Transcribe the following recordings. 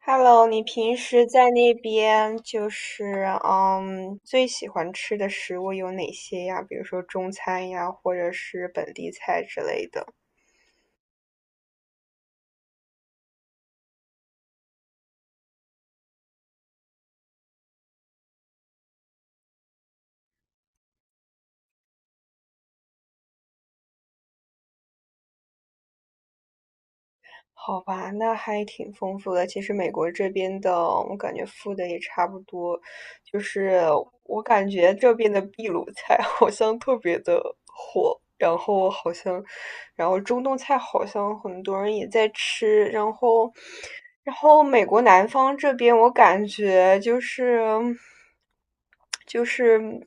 Hello，你平时在那边就是最喜欢吃的食物有哪些呀？比如说中餐呀，或者是本地菜之类的。好吧，那还挺丰富的。其实美国这边的，我感觉富的也差不多，就是我感觉这边的秘鲁菜 好像特别的火，然后好像，然后中东菜好像很多人也在吃，然后美国南方这边我感觉就是。就是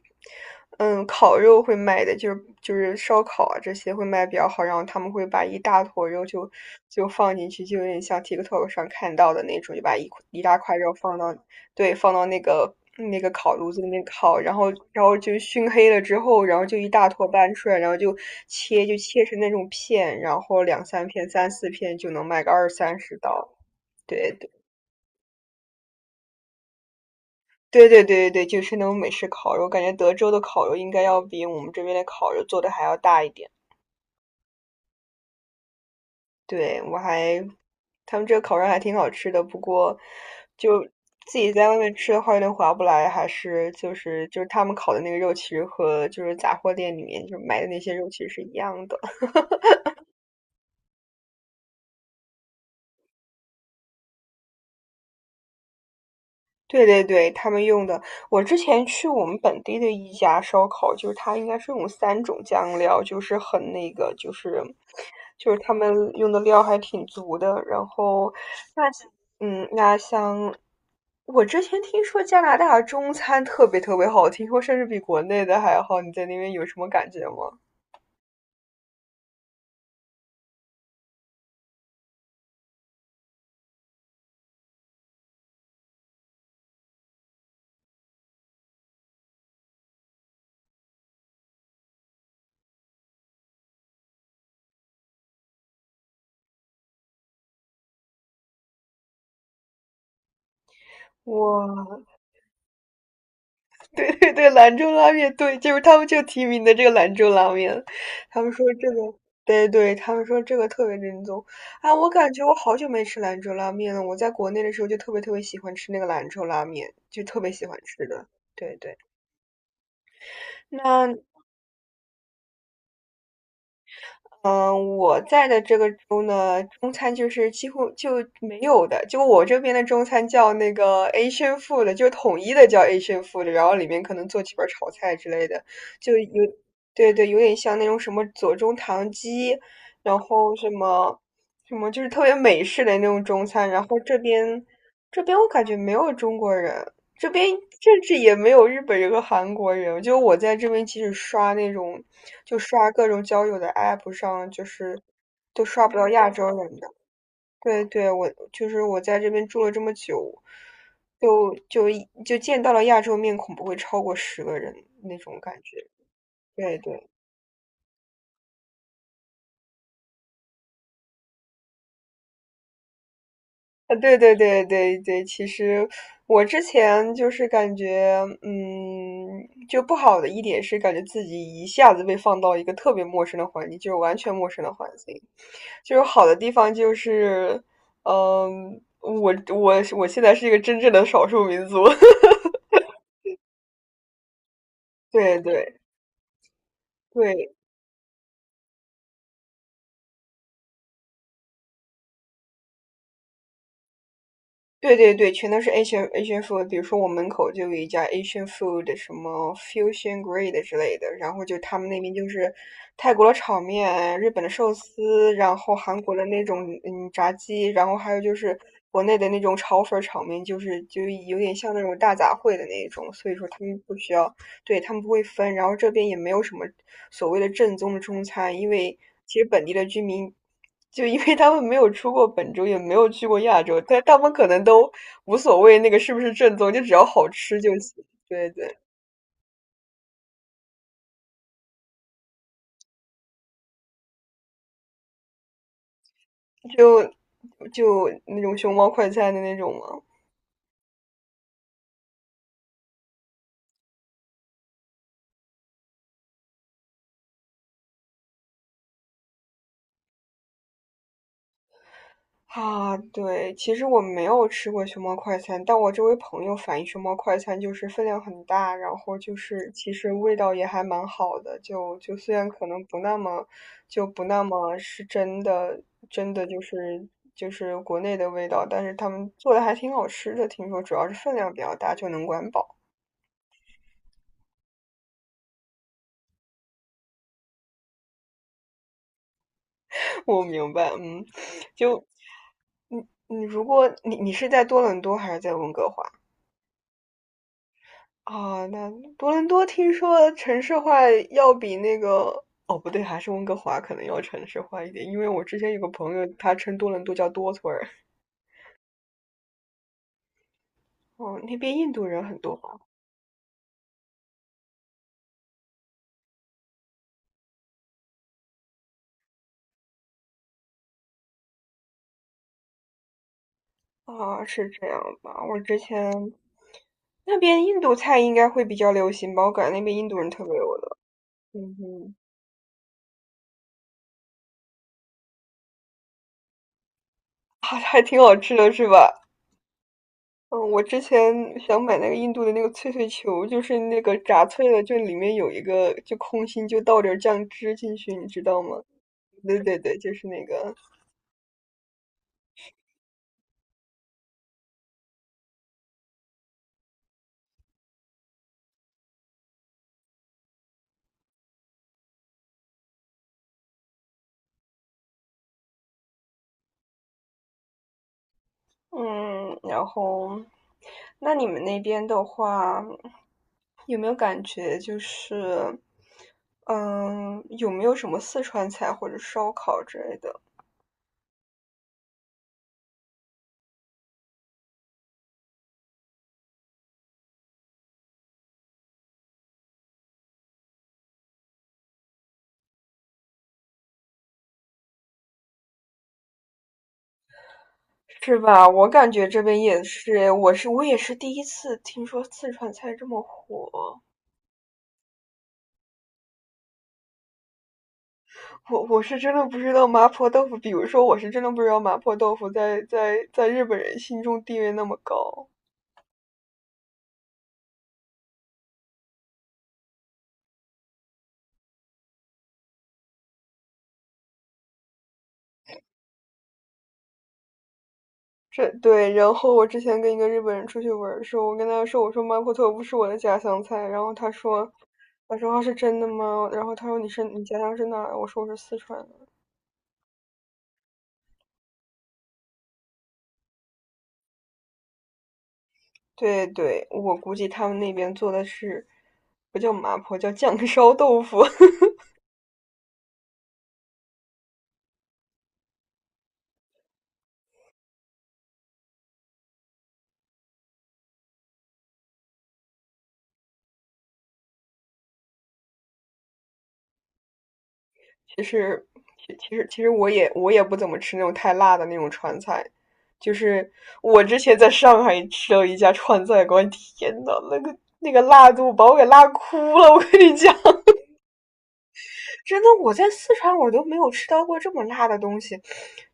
嗯，烤肉会卖的，就是烧烤啊这些会卖比较好，然后他们会把一大坨肉就放进去，就有点像 TikTok 上看到的那种，就把一大块肉放到，对，放到那个烤炉子里面烤，然后就熏黑了之后，然后就一大坨搬出来，然后就切成那种片，然后两三片、三四片就能卖个20-30刀，对。对对对对对，就是那种美式烤肉，我感觉德州的烤肉应该要比我们这边的烤肉做的还要大一点。对，我还，他们这个烤肉还挺好吃的，不过就自己在外面吃的话有点划不来，还是就是他们烤的那个肉，其实和就是杂货店里面就买的那些肉其实是一样的。对对对，他们用的，我之前去我们本地的一家烧烤，就是它应该是用三种酱料，就是很那个，就是他们用的料还挺足的。然后那那像我之前听说加拿大中餐特别特别好，听说甚至比国内的还好。你在那边有什么感觉吗？哇 对对对，兰州拉面，对，就是他们就提名的这个兰州拉面，他们说这个，对对，他们说这个特别正宗啊！我感觉我好久没吃兰州拉面了，我在国内的时候就特别特别喜欢吃那个兰州拉面，就特别喜欢吃的。对对，那嗯，我在的这个州呢，中餐就是几乎就没有的。就我这边的中餐叫那个 Asian food，就是统一的叫 Asian food，然后里面可能做几盘炒菜之类的，就有，对对，有点像那种什么左宗棠鸡，然后什么什么就是特别美式的那种中餐。然后这边我感觉没有中国人，这边甚至也没有日本人和韩国人，就我在这边，即使刷那种，就刷各种交友的 app 上，就是都刷不到亚洲人的。对对，我就是我在这边住了这么久，就就就见到了亚洲面孔不会超过10个人那种感觉。对对。啊，对对对对对，其实我之前就是感觉，就不好的一点是感觉自己一下子被放到一个特别陌生的环境，就是完全陌生的环境。就是好的地方就是，我现在是一个真正的少数民族，对对对。对对对，全都是 Asian food。比如说我门口就有一家 Asian food，什么 Fusion g r a d e 之类的，然后就他们那边就是泰国的炒面、日本的寿司，然后韩国的那种炸鸡，然后还有就是国内的那种炒粉儿炒面，就是就有点像那种大杂烩的那种，所以说他们不需要，对，他们不会分，然后这边也没有什么所谓的正宗的中餐，因为其实本地的居民，就因为他们没有出过本州，也没有去过亚洲，但他们可能都无所谓那个是不是正宗，就只要好吃就行。对对，就就那种熊猫快餐的那种嘛。啊，对，其实我没有吃过熊猫快餐，但我周围朋友反映熊猫快餐就是分量很大，然后就是其实味道也还蛮好的，就虽然可能不那么，就不那么是真的，真的就是国内的味道，但是他们做的还挺好吃的，听说主要是分量比较大就能管饱。我明白，就你如果你是在多伦多还是在温哥华？啊，那多伦多听说城市化要比那个，哦，不对，还是温哥华可能要城市化一点，因为我之前有个朋友，他称多伦多叫多村儿。哦，那边印度人很多吧？啊，是这样吧？我之前那边印度菜应该会比较流行吧？我感觉那边印度人特别多的。嗯哼，啊，还挺好吃的是吧？嗯，我之前想买那个印度的那个脆脆球，就是那个炸脆了，就里面有一个就空心，就倒点儿酱汁进去，你知道吗？对对对，就是那个。嗯，然后，那你们那边的话，有没有感觉就是，有没有什么四川菜或者烧烤之类的？是吧？我感觉这边也是，我也是第一次听说四川菜这么火。我是真的不知道麻婆豆腐，比如说我是真的不知道麻婆豆腐在日本人心中地位那么高。这对，然后我之前跟一个日本人出去玩儿的时候，我跟他说，我说麻婆豆腐是我的家乡菜，然后他说，我说啊是真的吗？然后他说你家乡是哪儿？我说我是四川的。对对，我估计他们那边做的是不叫麻婆，叫酱烧豆腐。其实，其实我也不怎么吃那种太辣的那种川菜，就是我之前在上海吃了一家川菜馆，天呐，那个辣度把我给辣哭了，我跟你讲，真的，我在四川我都没有吃到过这么辣的东西。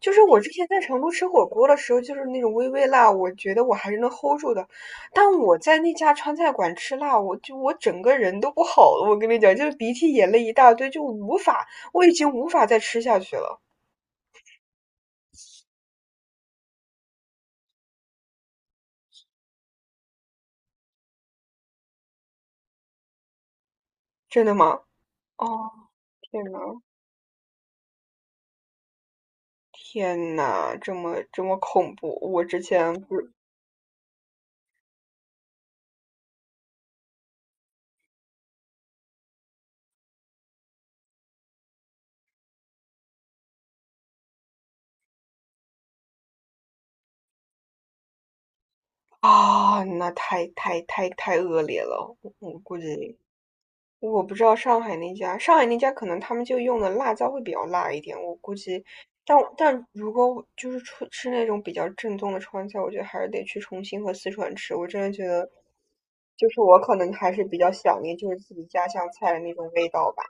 就是我之前在成都吃火锅的时候，就是那种微微辣，我觉得我还是能 hold 住的。但我在那家川菜馆吃辣，我整个人都不好了，我跟你讲，就是鼻涕眼泪一大堆，就无法，我已经无法再吃下去了。真的吗？哦，天呐，天呐，这么这么恐怖！我之前不是啊，那太太太太恶劣了。我估计我不知道上海那家，上海那家可能他们就用的辣椒会比较辣一点。我估计，但如果我就是出吃那种比较正宗的川菜，我觉得还是得去重庆和四川吃。我真的觉得，就是我可能还是比较想念就是自己家乡菜的那种味道吧。